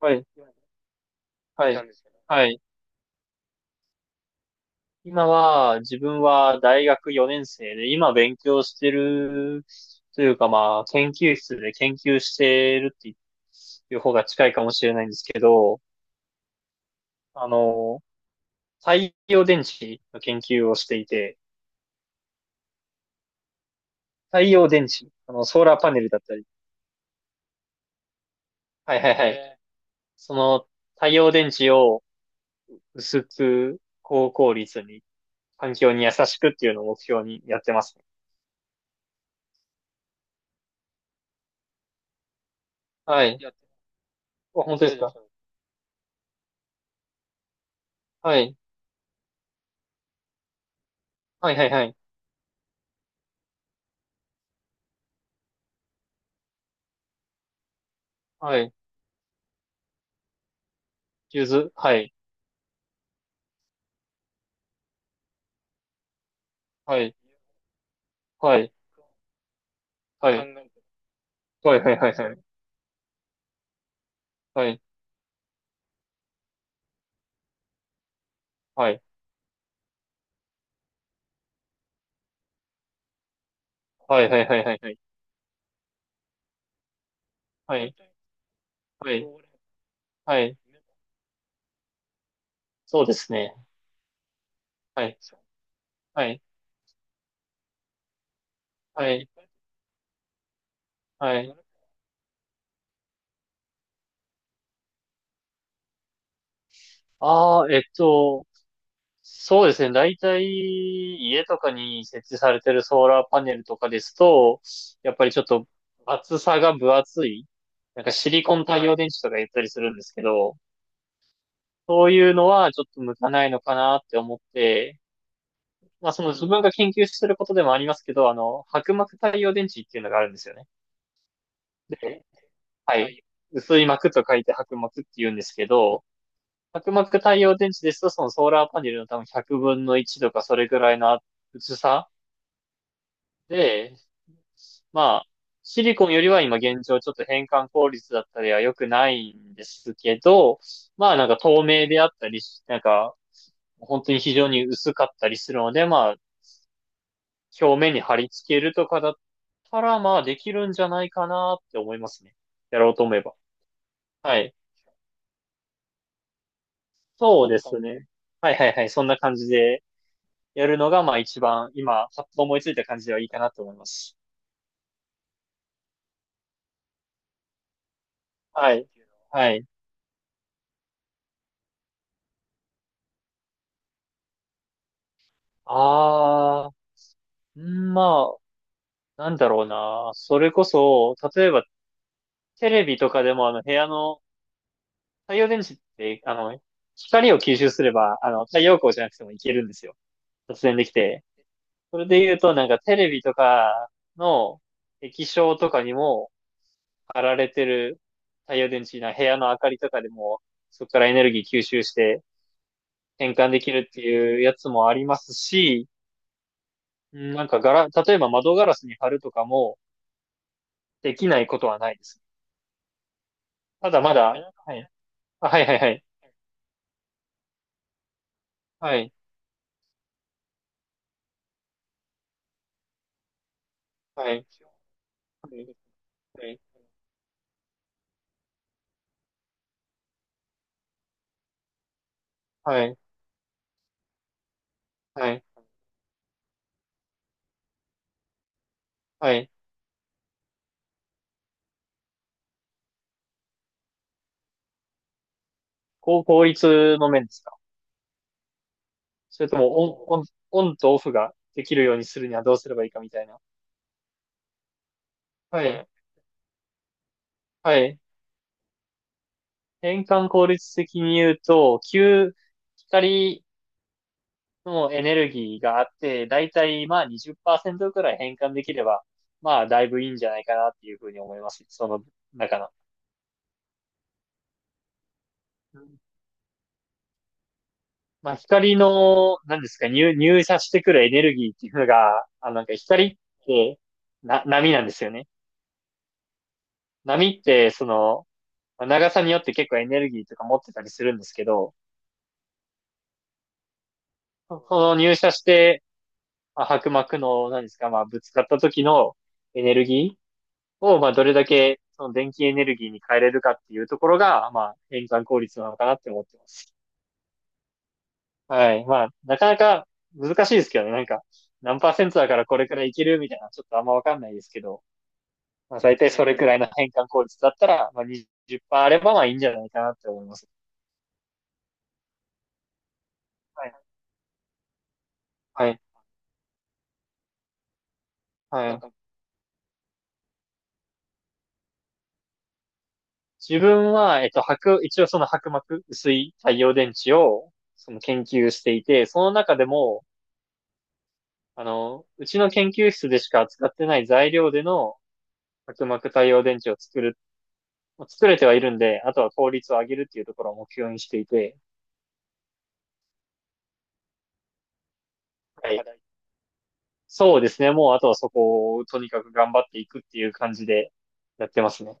はい、はい、なんですけど。はい。今は、自分は大学4年生で、今勉強してる、というかまあ、研究室で研究してるっていう方が近いかもしれないんですけど、あの、太陽電池の研究をしていて、太陽電池、ソーラーパネルだったり、はいはいはい。へー。その太陽電池を薄く高効率に環境に優しくっていうのを目標にやってますね。はい。やって、本当ですか？はい。はいはいはい。はい。ゆず。はい。はい。はい。はい。はい。はい。はい。はいはいはいはい。はいはいはいはい。はい。はい。はい。そうですね。はい。そう。はい。はい、はですい。ね。ああ、そうですね。大体、家とかに設置されてるソーラーパネルとかですと、やっぱりちょっと厚さが分厚い、なんかシリコン太陽電池とか言ったりするんですけど、そういうのはちょっと向かないのかなって思って、まあ、その自分が研究することでもありますけど、薄膜太陽電池っていうのがあるんですよね。で、はい。薄い膜と書いて薄膜って言うんですけど、薄膜太陽電池ですと、そのソーラーパネルの多分100分の1とかそれぐらいの薄さで、まあ、シリコンよりは今現状ちょっと変換効率だったりは良くないんですけど、まあなんか透明であったりし、なんか本当に非常に薄かったりするので、まあ表面に貼り付けるとかだったら、まあできるんじゃないかなって思いますね。やろうと思えば。はい。そうですね。はいはいはい。そんな感じでやるのが、まあ一番今、パッと思いついた感じではいいかなと思います。はい。はい。あー、あ、なんだろうな。それこそ、例えばテレビとかでもあの部屋の太陽電池って、光を吸収すれば、太陽光じゃなくてもいけるんですよ。突然できて。それで言うと、なんかテレビとかの液晶とかにも貼られてる太陽電池な部屋の明かりとかでも、そこからエネルギー吸収して変換できるっていうやつもありますし、うん、なんかガラ、例えば窓ガラスに貼るとかもできないことはないです。ただまだ、はい。あ、はいはいはい。はい。はい。はい。はい。はい。はい。こう、効率の面ですか？それともオン、オン、オンとオフができるようにするにはどうすればいいかみたいな。はい。はい。変換効率的に言うと、旧光のエネルギーがあって、だいたいまあ20%くらい変換できれば、まあだいぶいいんじゃないかなっていうふうに思います。その中の。うん、まあ光の、何ですか、入、入射してくるエネルギーっていうのが、あ、なんか光ってな、波なんですよね。波って、その、まあ長さによって結構エネルギーとか持ってたりするんですけど、その入射してまあ、薄膜の、何ですか、まあ、ぶつかった時のエネルギーを、まあ、どれだけ、その電気エネルギーに変えれるかっていうところが、まあ、変換効率なのかなって思ってます。はい。まあ、なかなか難しいですけどね。なんか、何パーセントだからこれくらいいけるみたいな、ちょっとあんまわかんないですけど、まあ、大体それくらいの変換効率だったら、まあ、20%あれば、まあ、いいんじゃないかなって思います。はい。はい。はい。自分は、白、一応その薄膜、薄い太陽電池を、その研究していて、その中でも、うちの研究室でしか扱ってない材料での薄膜太陽電池を作る、作れてはいるんで、あとは効率を上げるっていうところを目標にしていて、はい。そうですね。もうあとはそこをとにかく頑張っていくっていう感じでやってますね。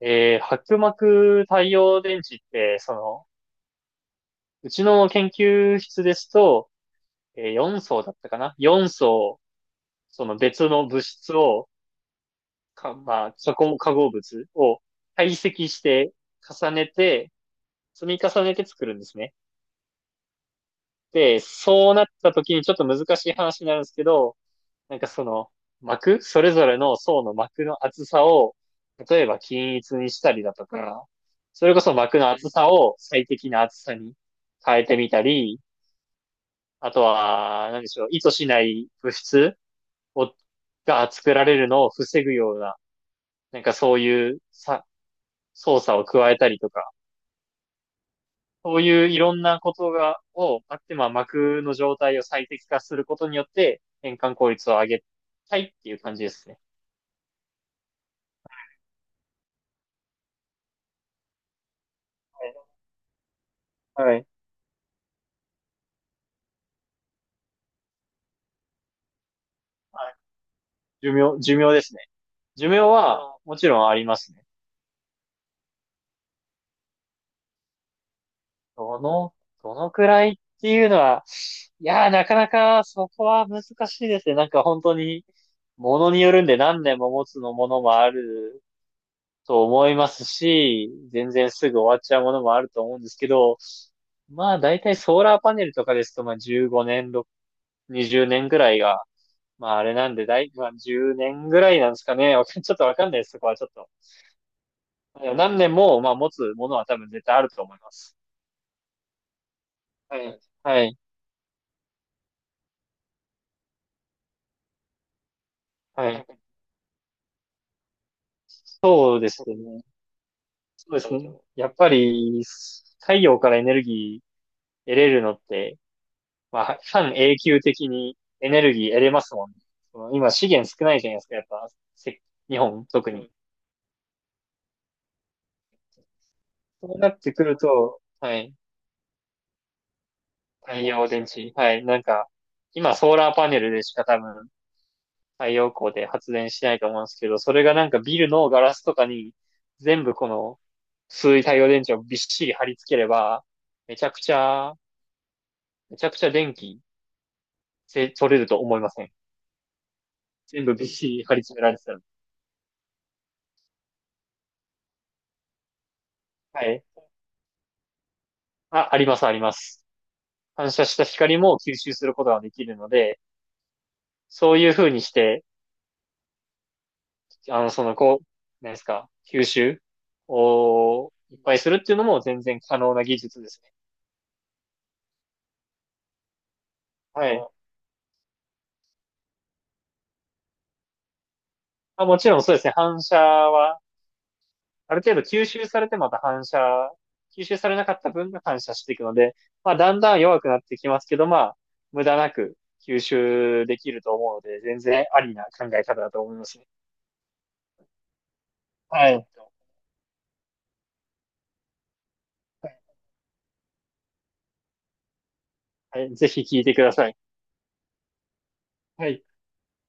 薄膜太陽電池って、その、うちの研究室ですと、4層だったかな？ 4 層、その別の物質を、か、まあ、化合物を堆積して重ねて、積み重ねて作るんですね。で、そうなった時にちょっと難しい話になるんですけど、なんかその膜、それぞれの層の膜の厚さを、例えば均一にしたりだとか、それこそ膜の厚さを最適な厚さに変えてみたり、あとは、何でしょう、意図しない物質を、が作られるのを防ぐような、なんかそういうさ操作を加えたりとか、そういういろんなことが、をあって、まあ、膜の状態を最適化することによって、変換効率を上げたいっていう感じですね。はい。はいはい、寿命、寿命ですね。寿命は、もちろんありますね。どの、どのくらいっていうのは、いやー、なかなかそこは難しいですね。なんか本当に、ものによるんで何年も持つのものもあると思いますし、全然すぐ終わっちゃうものもあると思うんですけど、まあ大体ソーラーパネルとかですと、まあ15年、6、 20年ぐらいが、まああれなんで、だい、まあ10年ぐらいなんですかね。ちょっとわかんないです、そこはちょっと。何年も、まあ持つものは多分絶対あると思います。はい。はい。はい。そうですね。そうですね。やっぱり、太陽からエネルギー得れるのって、まあ、半永久的にエネルギー得れますもんね。その今資源少ないじゃないですか、やっぱ、せ日本、特に。そうなってくると、はい、太陽電池、はい、なんか、今ソーラーパネルでしか多分太陽光で発電しないと思うんですけど、それがなんかビルのガラスとかに全部この薄い太陽電池をびっしり貼り付ければ、めちゃくちゃ、めちゃくちゃ電気せ取れると思いません？全部びっしり貼り詰められてたら。はい。あ、あります、あります。反射した光も吸収することができるので、そういう風にして、その、こう、何ですか、吸収をいっぱいするっていうのも全然可能な技術ですね。はい。うん、あ、もちろんそうですね、反射は、ある程度吸収されてまた反射、吸収されなかった分が反射していくので、まあ、だんだん弱くなってきますけど、まあ、無駄なく吸収できると思うので、全然ありな考え方だと思いますね。はい。はい、ぜひ聞いてください。はい。